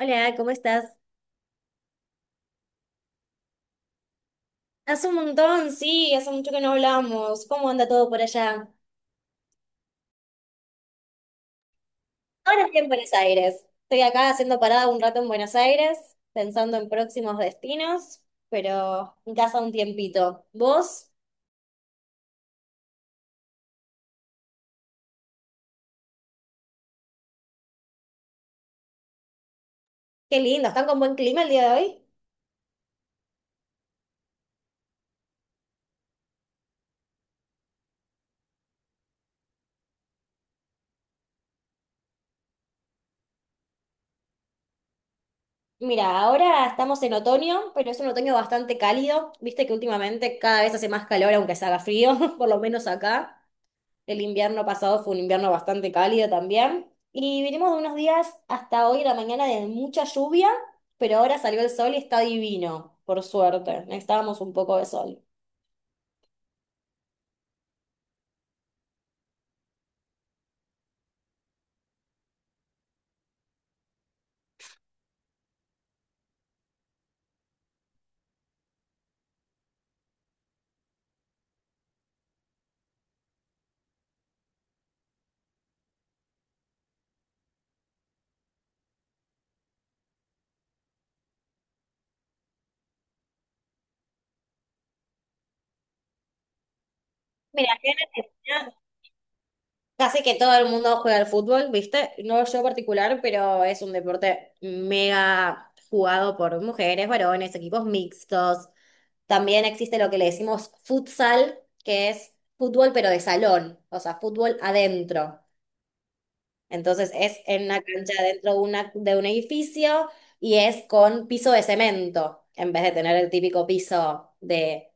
Hola, ¿cómo estás? Hace un montón, sí, hace mucho que no hablamos. ¿Cómo anda todo por allá? Ahora estoy en Buenos Aires. Estoy acá haciendo parada un rato en Buenos Aires, pensando en próximos destinos, pero en casa un tiempito. ¿Vos? Qué lindo, ¿están con buen clima el día de hoy? Mira, ahora estamos en otoño, pero es un otoño bastante cálido. Viste que últimamente cada vez hace más calor, aunque se haga frío, por lo menos acá. El invierno pasado fue un invierno bastante cálido también. Y vinimos de unos días hasta hoy, la mañana, de mucha lluvia, pero ahora salió el sol y está divino, por suerte. Necesitábamos un poco de sol. Mira, acá en Argentina casi que todo el mundo juega al fútbol, ¿viste? No yo particular, pero es un deporte mega jugado por mujeres, varones, equipos mixtos. También existe lo que le decimos futsal, que es fútbol pero de salón, o sea, fútbol adentro. Entonces es en una cancha dentro de, una, de un edificio y es con piso de cemento, en vez de tener el típico piso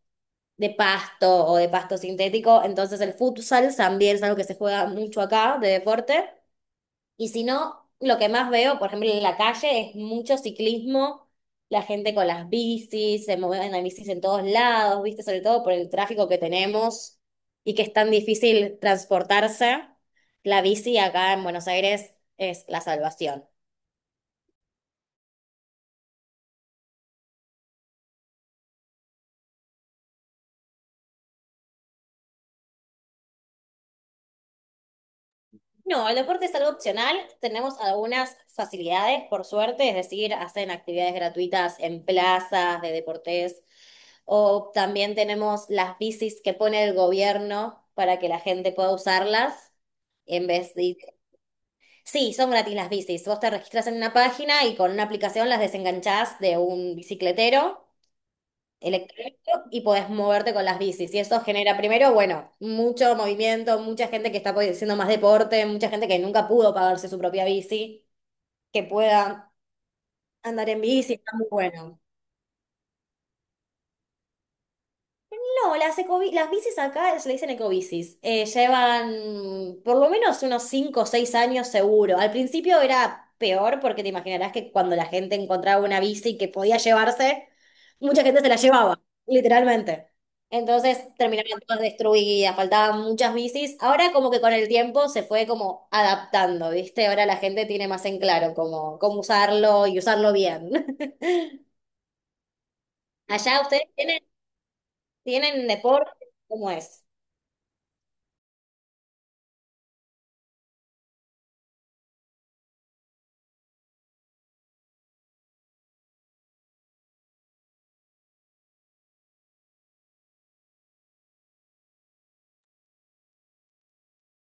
de pasto o de pasto sintético. Entonces el futsal también es algo que se juega mucho acá de deporte y si no, lo que más veo, por ejemplo, en la calle es mucho ciclismo, la gente con las bicis, se mueven las bicis en todos lados, ¿viste? Sobre todo por el tráfico que tenemos y que es tan difícil transportarse. La bici acá en Buenos Aires es la salvación. No, el deporte es algo opcional. Tenemos algunas facilidades, por suerte, es decir, hacen actividades gratuitas en plazas de deportes o también tenemos las bicis que pone el gobierno para que la gente pueda usarlas en vez de... Sí, son gratis las bicis. Vos te registras en una página y con una aplicación las desenganchás de un bicicletero electrónico y podés moverte con las bicis. Y eso genera primero, bueno, mucho movimiento, mucha gente que está haciendo más deporte, mucha gente que nunca pudo pagarse su propia bici, que pueda andar en bici, está muy bueno. No, las, las bicis acá se le dicen ecobicis. Llevan por lo menos unos 5 o 6 años seguro. Al principio era peor porque te imaginarás que cuando la gente encontraba una bici que podía llevarse, mucha gente se la llevaba, literalmente. Entonces terminaban todas destruidas, faltaban muchas bicis. Ahora como que con el tiempo se fue como adaptando, ¿viste? Ahora la gente tiene más en claro cómo, cómo usarlo y usarlo bien. Allá ustedes tienen, tienen deporte, ¿cómo es?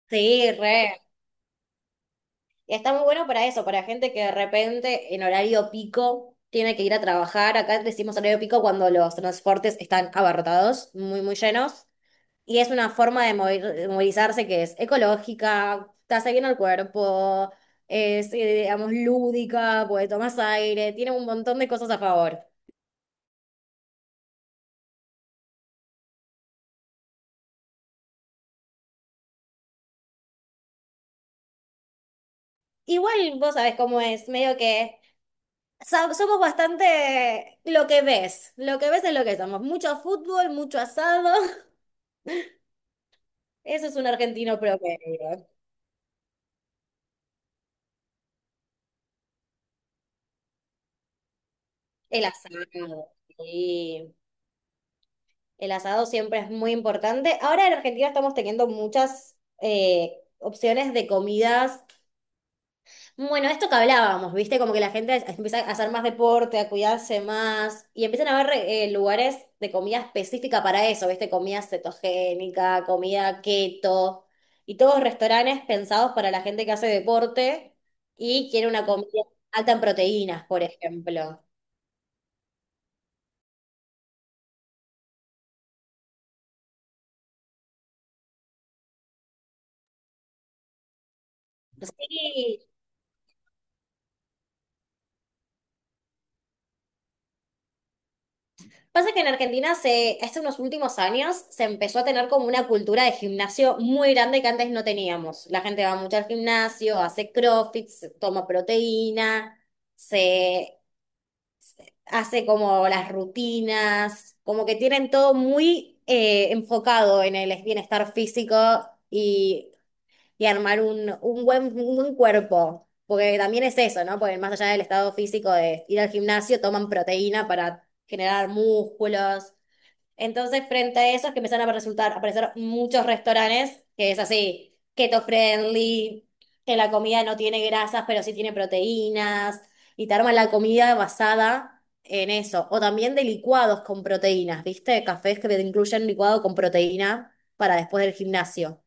Sí, re. Y está muy bueno para eso, para gente que de repente en horario pico tiene que ir a trabajar. Acá decimos horario pico cuando los transportes están abarrotados, muy, muy llenos. Y es una forma de de movilizarse que es ecológica, te hace bien al cuerpo, es, digamos, lúdica, porque tomas aire, tiene un montón de cosas a favor. Igual vos sabés cómo es, medio que somos bastante lo que ves es lo que somos. Mucho fútbol, mucho asado, eso es un argentino promedio. El asado, sí. El asado siempre es muy importante. Ahora en Argentina estamos teniendo muchas opciones de comidas. Bueno, esto que hablábamos, ¿viste? Como que la gente empieza a hacer más deporte, a cuidarse más y empiezan a haber lugares de comida específica para eso, ¿viste? Comida cetogénica, comida keto y todos restaurantes pensados para la gente que hace deporte y quiere una comida alta en proteínas, por ejemplo. Sí, pasa que en Argentina se, hace unos últimos años se empezó a tener como una cultura de gimnasio muy grande que antes no teníamos. La gente va mucho al gimnasio, hace CrossFit, se toma proteína, se hace como las rutinas, como que tienen todo muy enfocado en el bienestar físico y, y armar un buen cuerpo. Porque también es eso, ¿no? Porque más allá del estado físico de ir al gimnasio, toman proteína para generar músculos. Entonces, frente a eso es que empezaron a resultar, a aparecer muchos restaurantes que es así, keto friendly, que la comida no tiene grasas, pero sí tiene proteínas, y te arman la comida basada en eso. O también de licuados con proteínas, ¿viste? Cafés que te incluyen licuado con proteína para después del gimnasio.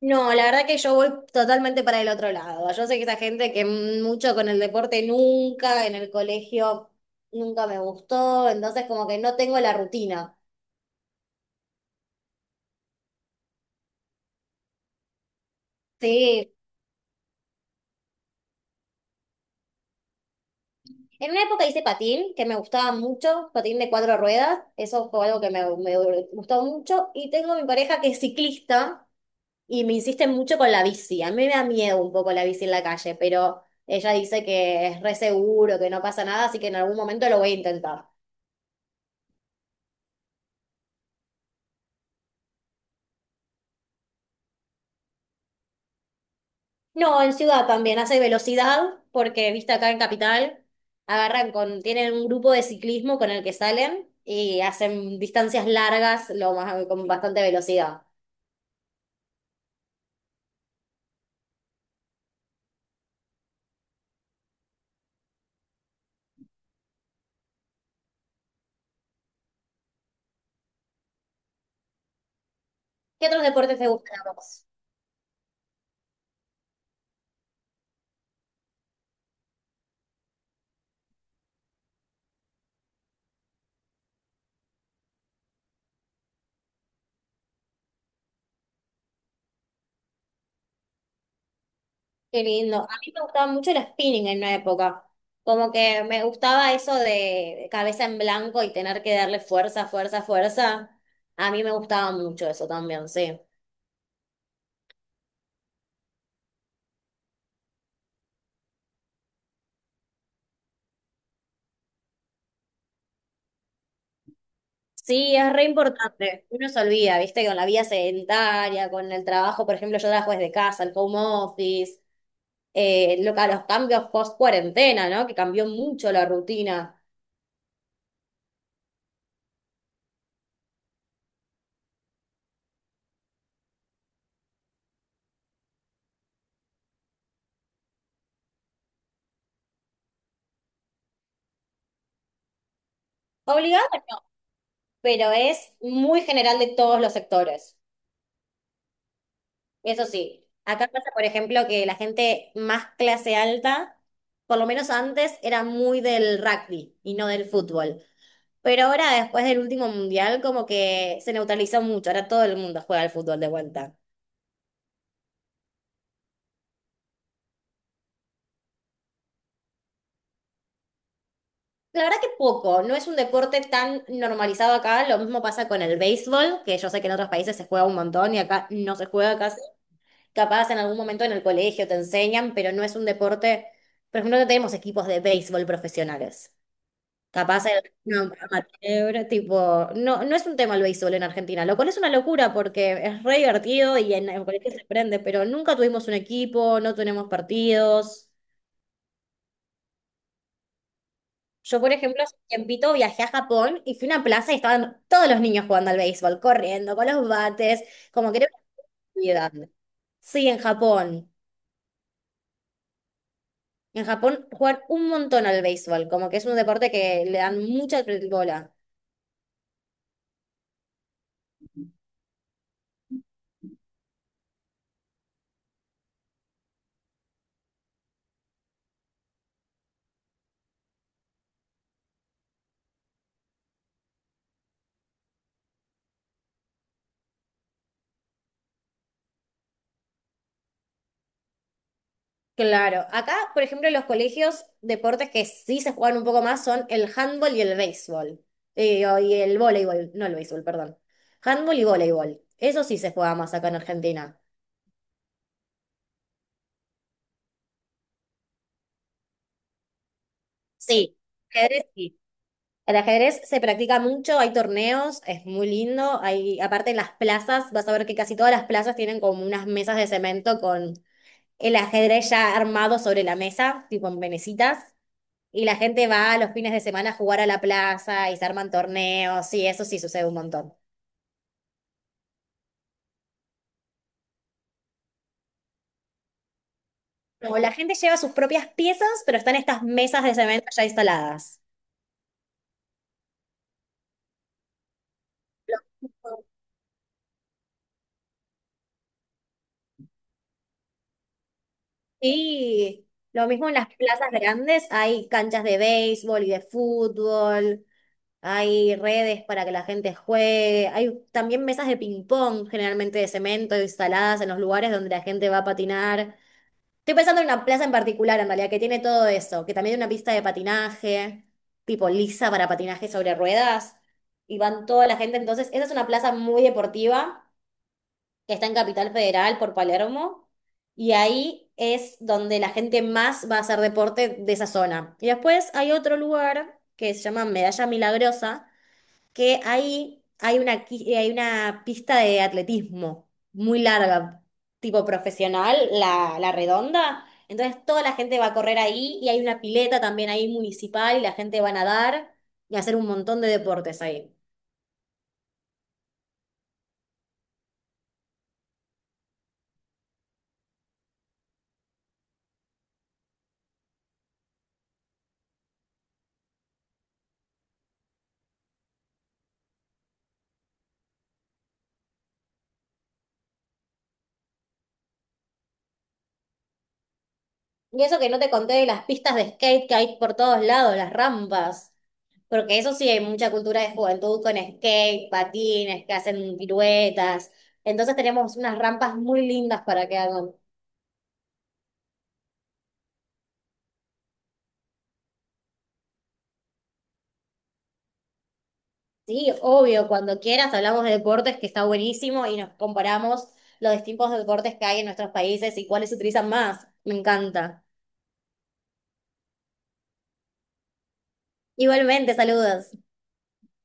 No, la verdad que yo voy totalmente para el otro lado. Yo sé que esa gente que mucho con el deporte nunca, en el colegio nunca me gustó, entonces como que no tengo la rutina. Sí, en una época hice patín, que me gustaba mucho, patín de 4 ruedas, eso fue algo que me gustó mucho, y tengo mi pareja que es ciclista y me insiste mucho con la bici, a mí me da miedo un poco la bici en la calle, pero ella dice que es re seguro, que no pasa nada, así que en algún momento lo voy a intentar. No, en ciudad también hace velocidad, porque viste acá en Capital, agarran con, tienen un grupo de ciclismo con el que salen y hacen distancias largas lo más, con bastante velocidad. ¿Qué otros deportes te gustan a vos? Qué lindo. A mí me gustaba mucho el spinning en una época. Como que me gustaba eso de cabeza en blanco y tener que darle fuerza, fuerza, fuerza. A mí me gustaba mucho eso también, sí. Sí, es re importante. Uno se olvida, ¿viste? Con la vida sedentaria, con el trabajo, por ejemplo, yo trabajo desde casa, el home office, los cambios post cuarentena, ¿no? Que cambió mucho la rutina. Obligado, no, pero es muy general de todos los sectores. Eso sí, acá pasa, por ejemplo, que la gente más clase alta, por lo menos antes, era muy del rugby y no del fútbol. Pero ahora, después del último mundial, como que se neutralizó mucho. Ahora todo el mundo juega al fútbol de vuelta. La verdad que poco, no es un deporte tan normalizado acá. Lo mismo pasa con el béisbol, que yo sé que en otros países se juega un montón y acá no se juega casi. Capaz en algún momento en el colegio te enseñan, pero no es un deporte. Por ejemplo, no tenemos equipos de béisbol profesionales. Capaz en una amateur, tipo, no, no es un tema el béisbol en Argentina, lo cual es una locura porque es re divertido y en cualquier se prende, pero nunca tuvimos un equipo, no tenemos partidos. Yo, por ejemplo, hace un tiempito viajé a Japón y fui a una plaza y estaban todos los niños jugando al béisbol, corriendo, con los bates, como que era una actividad. Sí, en Japón. En Japón juegan un montón al béisbol, como que es un deporte que le dan mucha bola. Claro, acá, por ejemplo, en los colegios, deportes que sí se juegan un poco más son el handball y el béisbol. Y el voleibol, no el béisbol, perdón. Handball y voleibol. Eso sí se juega más acá en Argentina. Sí, ajedrez sí. El ajedrez se practica mucho, hay torneos, es muy lindo. Hay, aparte en las plazas, vas a ver que casi todas las plazas tienen como unas mesas de cemento con el ajedrez ya armado sobre la mesa, tipo en venecitas. Y la gente va a los fines de semana a jugar a la plaza y se arman torneos, y eso sí sucede un montón. O la gente lleva sus propias piezas, pero están estas mesas de cemento ya instaladas. Y lo mismo en las plazas grandes, hay canchas de béisbol y de fútbol, hay redes para que la gente juegue, hay también mesas de ping-pong generalmente de cemento instaladas en los lugares donde la gente va a patinar. Estoy pensando en una plaza en particular, en realidad, que tiene todo eso, que también hay una pista de patinaje, tipo lisa para patinaje sobre ruedas, y van toda la gente. Entonces, esa es una plaza muy deportiva que está en Capital Federal por Palermo, y ahí es donde la gente más va a hacer deporte de esa zona. Y después hay otro lugar que se llama Medalla Milagrosa que ahí hay una, hay una pista de atletismo muy larga, tipo profesional, la redonda. Entonces toda la gente va a correr ahí y hay una pileta también ahí municipal y la gente va a nadar y a hacer un montón de deportes ahí. Y eso que no te conté de las pistas de skate que hay por todos lados, las rampas. Porque eso sí, hay mucha cultura de juventud con skate, patines, que hacen piruetas. Entonces tenemos unas rampas muy lindas para que hagan. Sí, obvio, cuando quieras hablamos de deportes, que está buenísimo, y nos comparamos los distintos deportes que hay en nuestros países y cuáles se utilizan más. Me encanta. Igualmente, saludos.